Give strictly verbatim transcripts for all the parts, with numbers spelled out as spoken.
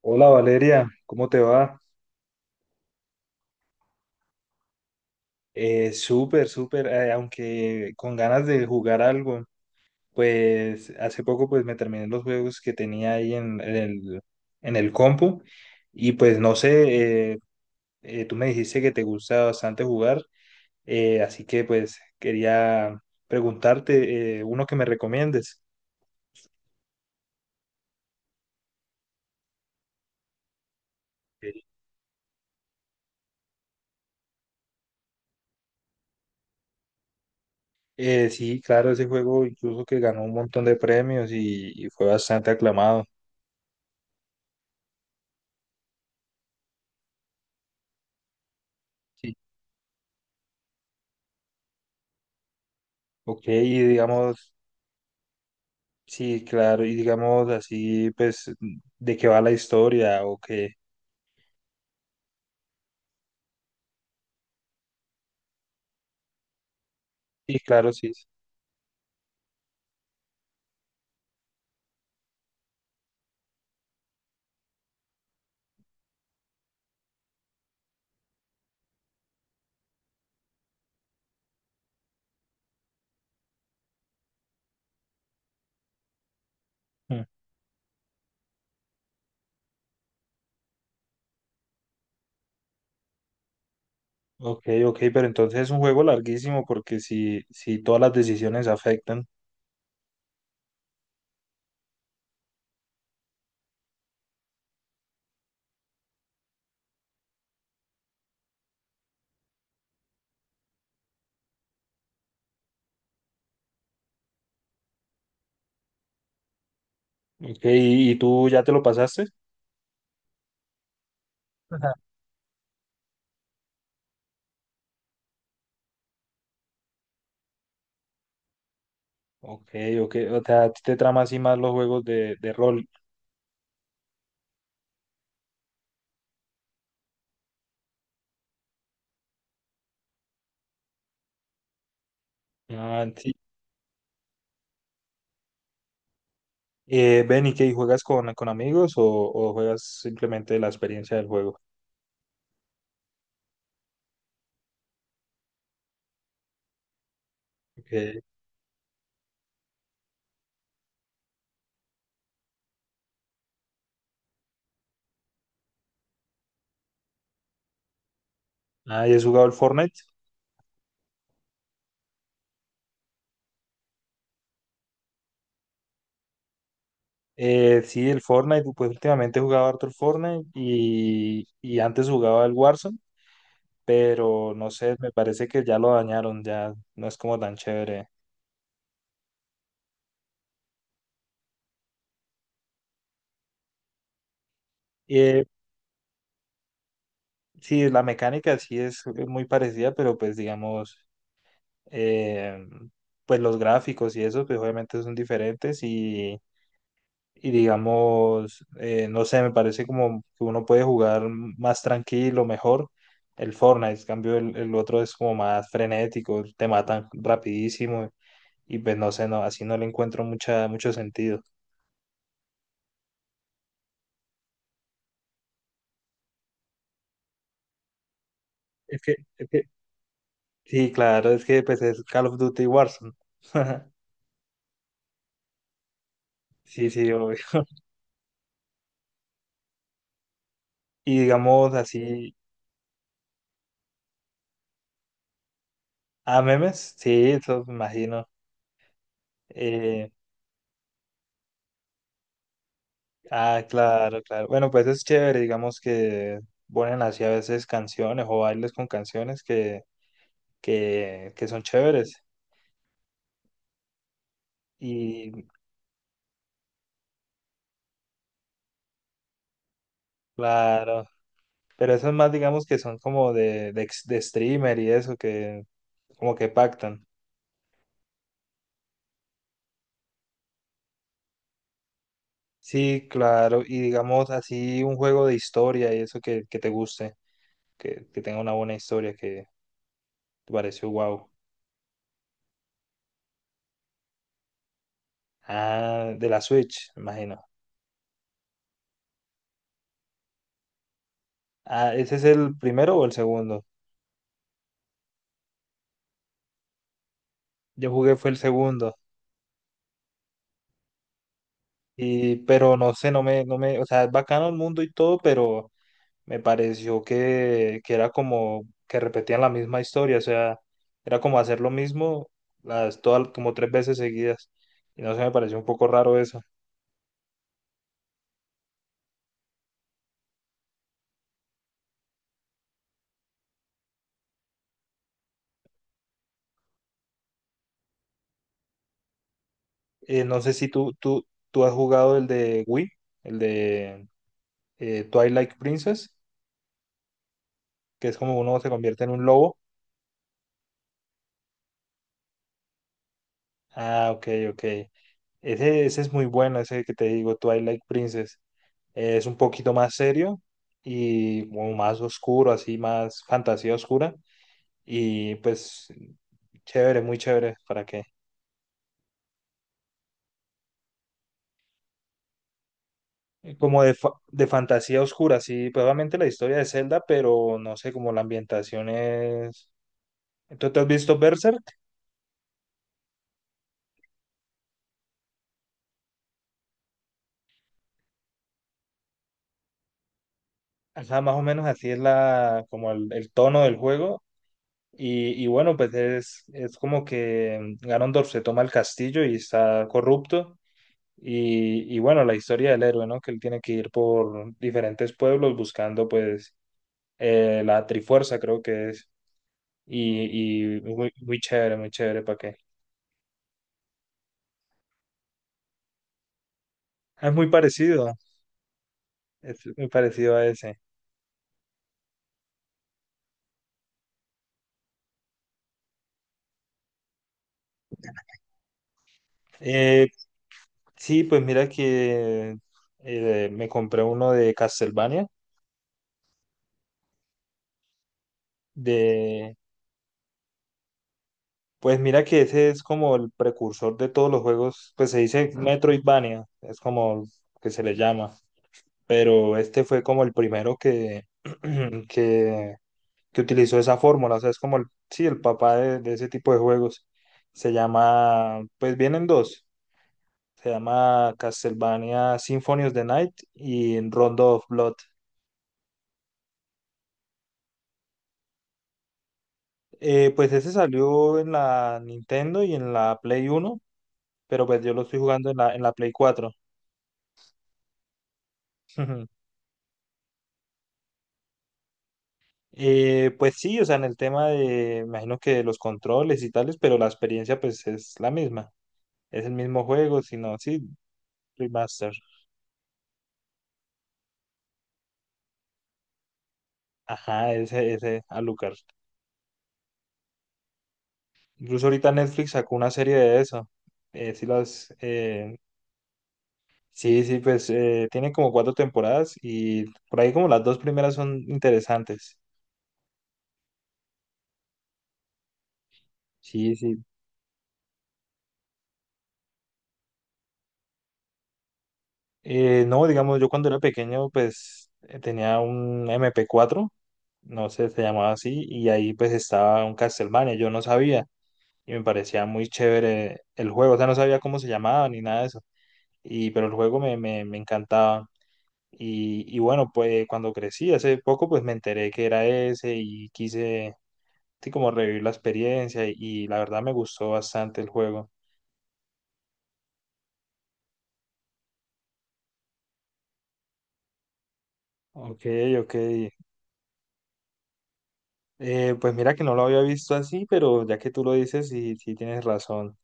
Hola Valeria, ¿cómo te va? Eh, súper, súper, eh, aunque con ganas de jugar algo, pues hace poco pues me terminé los juegos que tenía ahí en, en el, en el compu y pues no sé, eh, eh, tú me dijiste que te gusta bastante jugar, eh, así que pues quería preguntarte eh, uno que me recomiendes. Eh, sí, claro, ese juego incluso que ganó un montón de premios y, y fue bastante aclamado. Sí. Ok, y digamos... Sí, claro, y digamos así, pues, de qué va la historia o qué. Sí, claro, sí. Mm. Ok, ok, pero entonces es un juego larguísimo porque si, si todas las decisiones afectan. Ok, ¿y, y tú ya te lo pasaste? Ajá. Ok, ok, o sea, a ti te trama así más los juegos de, de rol. Ah, sí. Eh, ven, ¿y qué? ¿Y ¿Juegas con, con amigos o, o juegas simplemente la experiencia del juego? Ok. Ah, ¿y has jugado el Fortnite? Eh, sí, el Fortnite, pues últimamente he jugado harto el Fortnite y, y antes jugaba el Warzone, pero no sé, me parece que ya lo dañaron, ya no es como tan chévere. Eh, sí, la mecánica sí es muy parecida, pero pues digamos, eh, pues los gráficos y eso, pues obviamente son diferentes y y digamos, eh, no sé, me parece como que uno puede jugar más tranquilo, mejor el Fortnite, en cambio el, el otro es como más frenético, te matan rapidísimo y pues no sé, no, así no le encuentro mucha, mucho sentido. Es que, es que, sí, claro, es que pues es Call of Duty Warzone. Sí, sí, obvio. Y digamos así, a memes, sí, eso me imagino. Eh, Ah, claro, claro. Bueno, pues es chévere, digamos que ponen así a veces canciones o bailes con canciones que, que, que son chéveres. Y claro, pero eso es más, digamos que son como de, de, ex- de streamer y eso, que como que pactan. Sí, claro, y digamos así un juego de historia y eso que, que te guste, que, que tenga una buena historia que te pareció wow. Ah, de la Switch, me imagino. Ah, ¿ese es el primero o el segundo? Yo jugué fue el segundo. Y, pero no sé, no me, no me, o sea, es bacano el mundo y todo, pero me pareció que, que era como que repetían la misma historia, o sea, era como hacer lo mismo las, todas, como tres veces seguidas. Y no sé, me pareció un poco raro eso. Eh, no sé si tú, tú, tú has jugado el de Wii, el de eh, Twilight Princess, que es como uno se convierte en un lobo. Ah, ok, ok. Ese, ese es muy bueno, ese que te digo, Twilight Princess. Es un poquito más serio y como más oscuro, así más fantasía oscura. Y pues chévere, muy chévere, ¿para qué? Como de, fa- de fantasía oscura, sí, probablemente la historia de Zelda, pero no sé, como la ambientación es... ¿Tú te has visto Berserk? Ajá, más o menos así es la, como el, el tono del juego. Y, y bueno, pues es, es como que Ganondorf se toma el castillo y está corrupto. Y, y bueno, la historia del héroe, ¿no? Que él tiene que ir por diferentes pueblos buscando, pues, eh, la Trifuerza, creo que es. Y, y muy, muy chévere, muy chévere, ¿para qué? Ah, es muy parecido, es muy parecido a ese. Eh, sí, pues mira que eh, me compré uno de Castlevania, de... Pues mira que ese es como el precursor de todos los juegos, pues se dice Metroidvania, es como que se le llama. Pero este fue como el primero que, que, que utilizó esa fórmula, o sea, es como el, sí, el papá de, de ese tipo de juegos. Se llama, pues vienen dos, se llama Castlevania Symphony of the Night y Rondo of Blood. Eh, pues ese salió en la Nintendo y en la Play Uno pero pues yo lo estoy jugando en la, en la Play cuatro. Eh, pues sí, o sea, en el tema de, me imagino que los controles y tales, pero la experiencia pues es la misma. Es el mismo juego, sino sí, remaster. Ajá, ese, ese Alucard. Incluso ahorita Netflix sacó una serie de eso. Eh, sí, las, eh, sí, sí, pues eh, tiene como cuatro temporadas y por ahí como las dos primeras son interesantes. Sí, sí. Eh, no, digamos, yo cuando era pequeño, pues eh, tenía un M P cuatro, no sé, se llamaba así, y ahí pues estaba un Castlevania, yo no sabía, y me parecía muy chévere el juego, o sea, no sabía cómo se llamaba ni nada de eso. Y, pero el juego me, me, me encantaba. Y, y bueno, pues cuando crecí hace poco, pues me enteré que era ese y quise sí, como revivir la experiencia y, y la verdad me gustó bastante el juego. Ok, ok. Eh, pues mira que no lo había visto así, pero ya que tú lo dices, sí, sí tienes razón.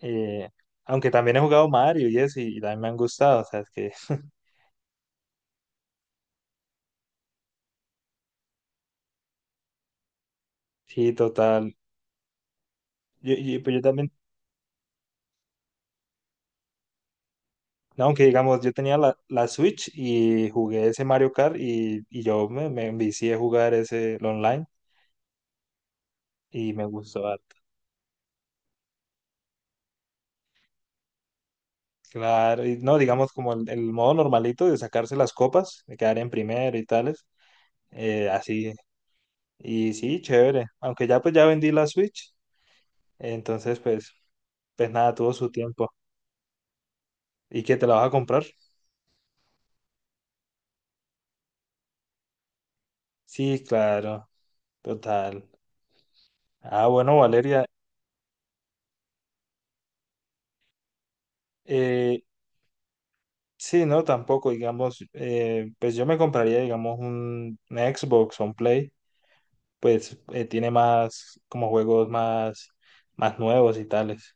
Eh, aunque también he jugado Mario y eso, y, también me han gustado, o sea, es que sí, total. Yo, yo- pues yo también no, aunque digamos, yo tenía la, la Switch y jugué ese Mario Kart y, y yo me, me envicié a jugar ese el online y me gustó harto. Claro, y no, digamos como el, el modo normalito de sacarse las copas, de quedar en primero y tales, eh, así. Y sí, chévere. Aunque ya pues ya vendí la Switch, entonces pues, pues nada, tuvo su tiempo. ¿Y qué te la vas a comprar? Sí, claro, total. Ah, bueno, Valeria, eh, sí, no, tampoco, digamos, eh, pues yo me compraría, digamos, un, una Xbox o un Play, pues eh, tiene más, como juegos más, más nuevos y tales.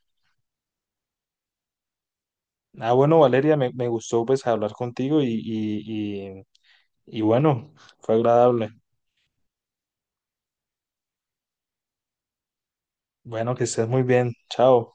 Ah, bueno, Valeria, me, me gustó pues hablar contigo y, y, y, y bueno, fue agradable. Bueno, que estés muy bien, chao.